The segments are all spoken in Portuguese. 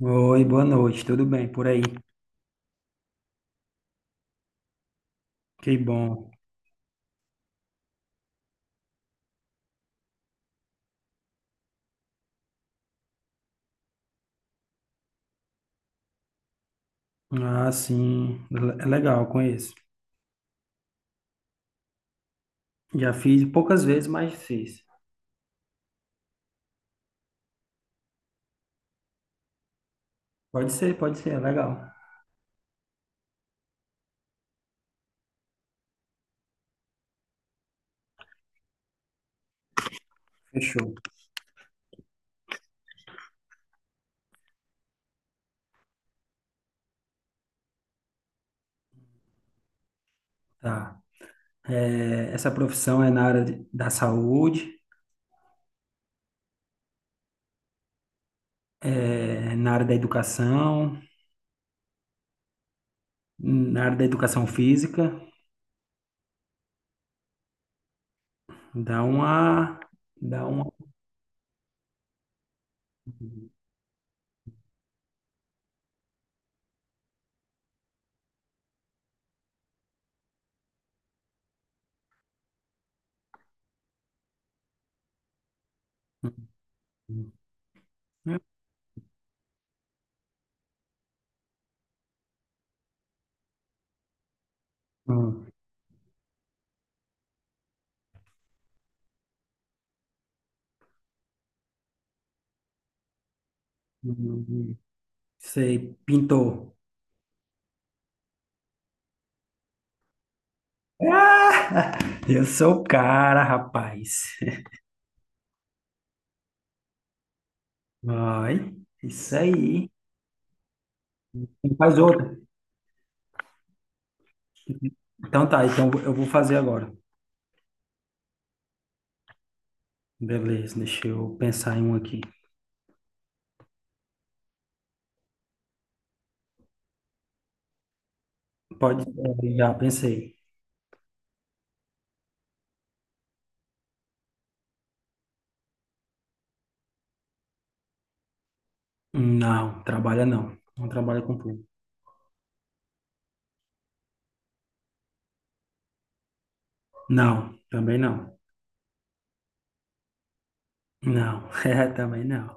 Oi, boa noite, tudo bem por aí? Que bom. Ah, sim, é legal, conheço. Já fiz poucas vezes, mas fiz. Pode ser, é legal. Fechou. Tá. É, essa profissão é na da saúde, é, na área da educação, na área da educação física. Dá uma, dá uma. Hum, hum, hum. hum, hum. Sei, pintor. Eu sou o cara, rapaz. Vai. Isso aí. Então, faz outra. Então tá, então eu vou fazer agora. Beleza, deixa eu pensar em um aqui. Pode, já pensei. Não, trabalha não. Não trabalha com público. Não, também não. Não, também não.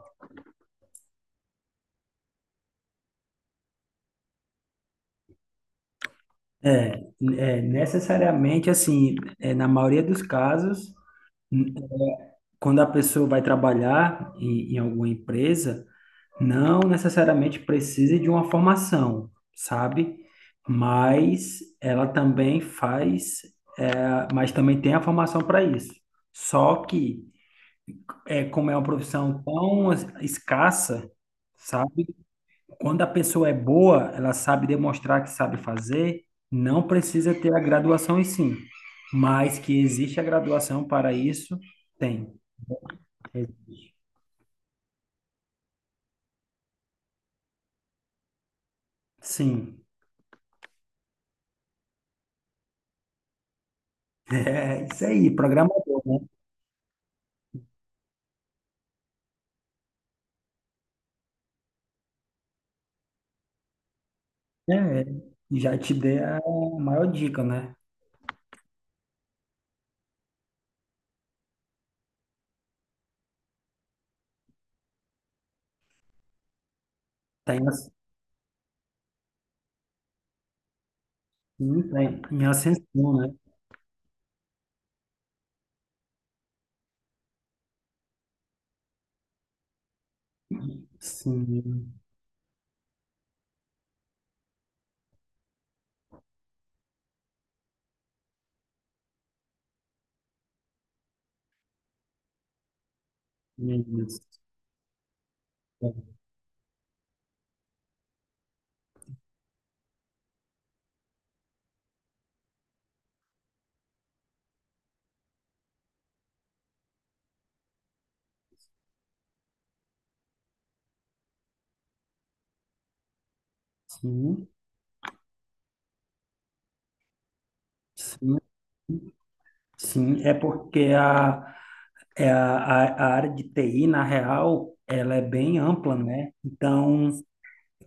É, necessariamente assim, na maioria dos casos, n- quando a pessoa vai trabalhar em, alguma empresa, não necessariamente precisa de uma formação, sabe? Mas ela também faz, mas também tem a formação para isso. Só que, como é uma profissão tão escassa, sabe? Quando a pessoa é boa, ela sabe demonstrar que sabe fazer, não precisa ter a graduação em si. Mas que existe a graduação para isso, tem. Sim, é isso aí, programador, né? É, e já te dei a maior dica, né? Tá em, as- sim, tá em ascensão, né? Sim, meu Deus. É, sim, sim, sim. É porque a, é a área de TI, na real, ela é bem ampla, né? Então,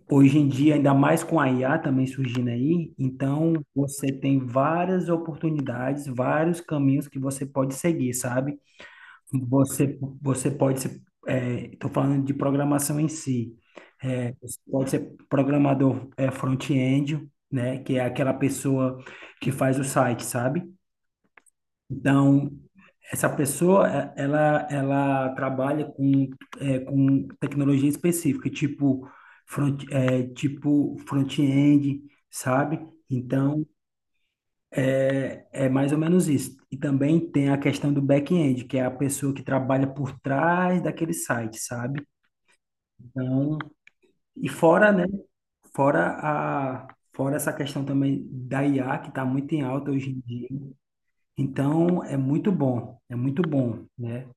hoje em dia, ainda mais com a IA também surgindo aí, então você tem várias oportunidades, vários caminhos que você pode seguir, sabe? Você pode ser, estou falando de programação em si. Você pode ser programador front-end, né? Que é aquela pessoa que faz o site, sabe? Então, essa pessoa, ela trabalha com, com tecnologia específica, tipo front-end, sabe? Então, é mais ou menos isso. E também tem a questão do back-end, que é a pessoa que trabalha por trás daquele site, sabe? Então, e fora, né? Fora a, fora essa questão também da IA, que está muito em alta hoje em dia. Então, é muito bom, né?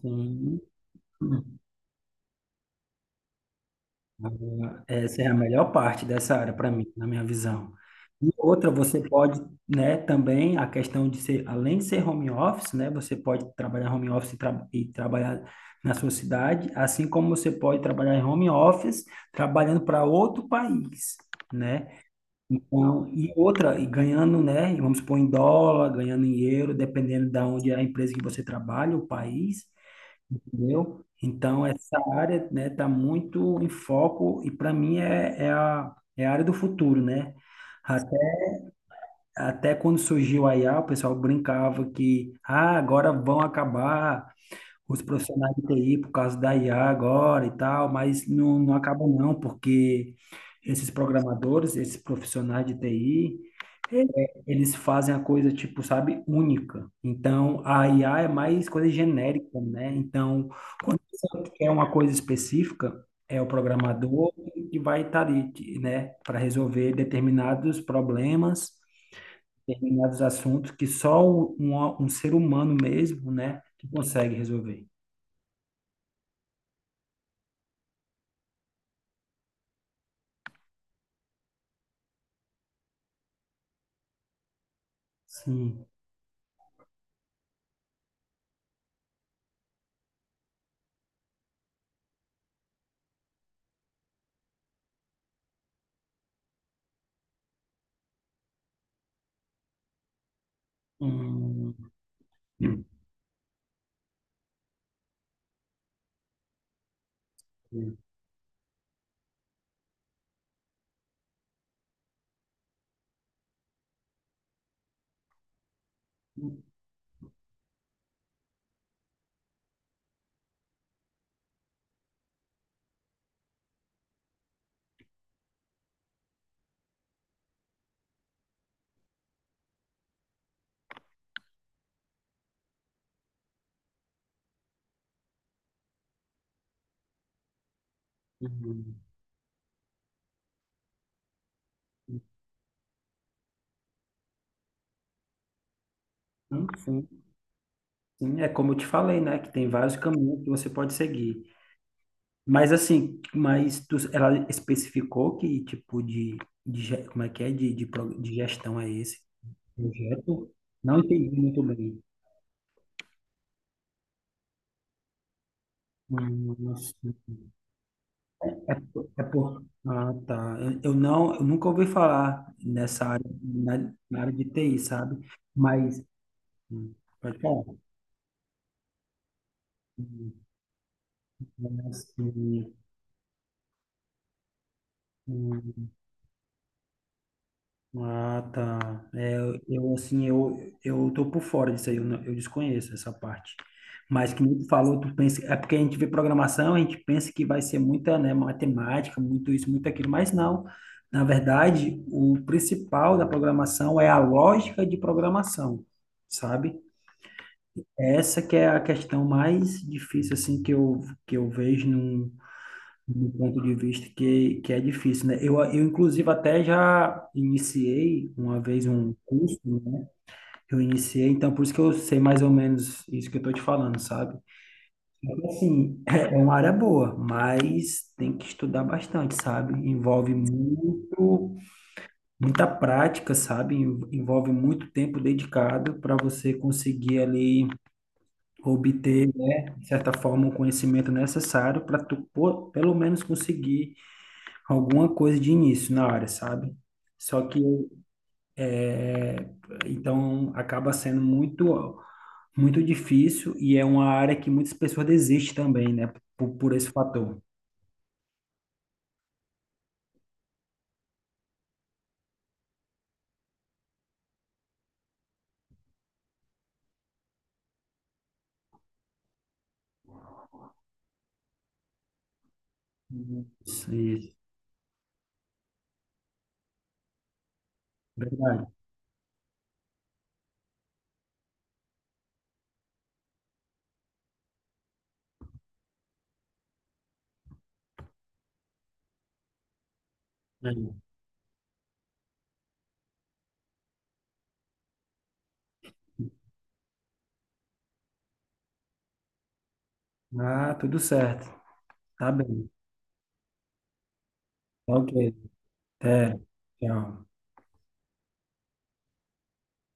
Sim. Agora, essa é a melhor parte dessa área para mim, na minha visão. E outra, você pode, né, também a questão de ser, além de ser home office, né, você pode trabalhar home office e trabalhar na sua cidade, assim como você pode trabalhar em home office trabalhando para outro país, né? Então, e outra, e ganhando, né, vamos supor em dólar, ganhando em euro, dependendo da onde é a empresa que você trabalha, o país entendeu? Então, essa área, né, está muito em foco e para mim é a área do futuro, né? Até, até quando surgiu a IA, o pessoal brincava que ah, agora vão acabar os profissionais de TI por causa da IA agora e tal, mas não, não acaba não, porque esses programadores, esses profissionais de TI, eles fazem a coisa, tipo, sabe, única. Então, a IA é mais coisa genérica, né? Então, quando você quer uma coisa específica, é o programador que vai estar ali, que, né, para resolver determinados problemas, determinados assuntos que só um ser humano mesmo, né, que consegue resolver. Sim. Hum, hum, hum, hum. Enfim, sim, sim. É como eu te falei, né? Que tem vários caminhos que você pode seguir. Mas assim, ela especificou que tipo como é que é? De gestão é esse projeto? Não entendi muito bem. Sim. É por, ah, tá. Eu nunca ouvi falar nessa área, na área de TI, sabe? Mas hum, pode falar. Hum, mas, Hum, Ah, tá. É, eu assim, eu tô por fora disso aí, eu, não- eu desconheço essa parte. Mas que nem tu falou, tu pensa, é porque a gente vê programação, a gente pensa que vai ser muita, né, matemática, muito isso, muito aquilo, mas não. Na verdade, o principal da programação é a lógica de programação, sabe? Essa que é a questão mais difícil assim que eu vejo num do ponto de vista que, é difícil, né? Eu, inclusive, até já iniciei uma vez um curso, né? Eu iniciei, então por isso que eu sei mais ou menos isso que eu tô te falando, sabe? Então, assim, é uma área boa, mas tem que estudar bastante, sabe? Envolve muita prática, sabe? Envolve muito tempo dedicado para você conseguir ali obter, né, de certa forma, o conhecimento necessário para tu, pô, pelo menos conseguir alguma coisa de início na área, sabe? Só que é, então acaba sendo muito muito difícil e é uma área que muitas pessoas desistem também, né? Por esse fator. Uhum. Isso, verdade. É. Ah, tudo certo. Tá bem. Tá ok. Até. Tchau.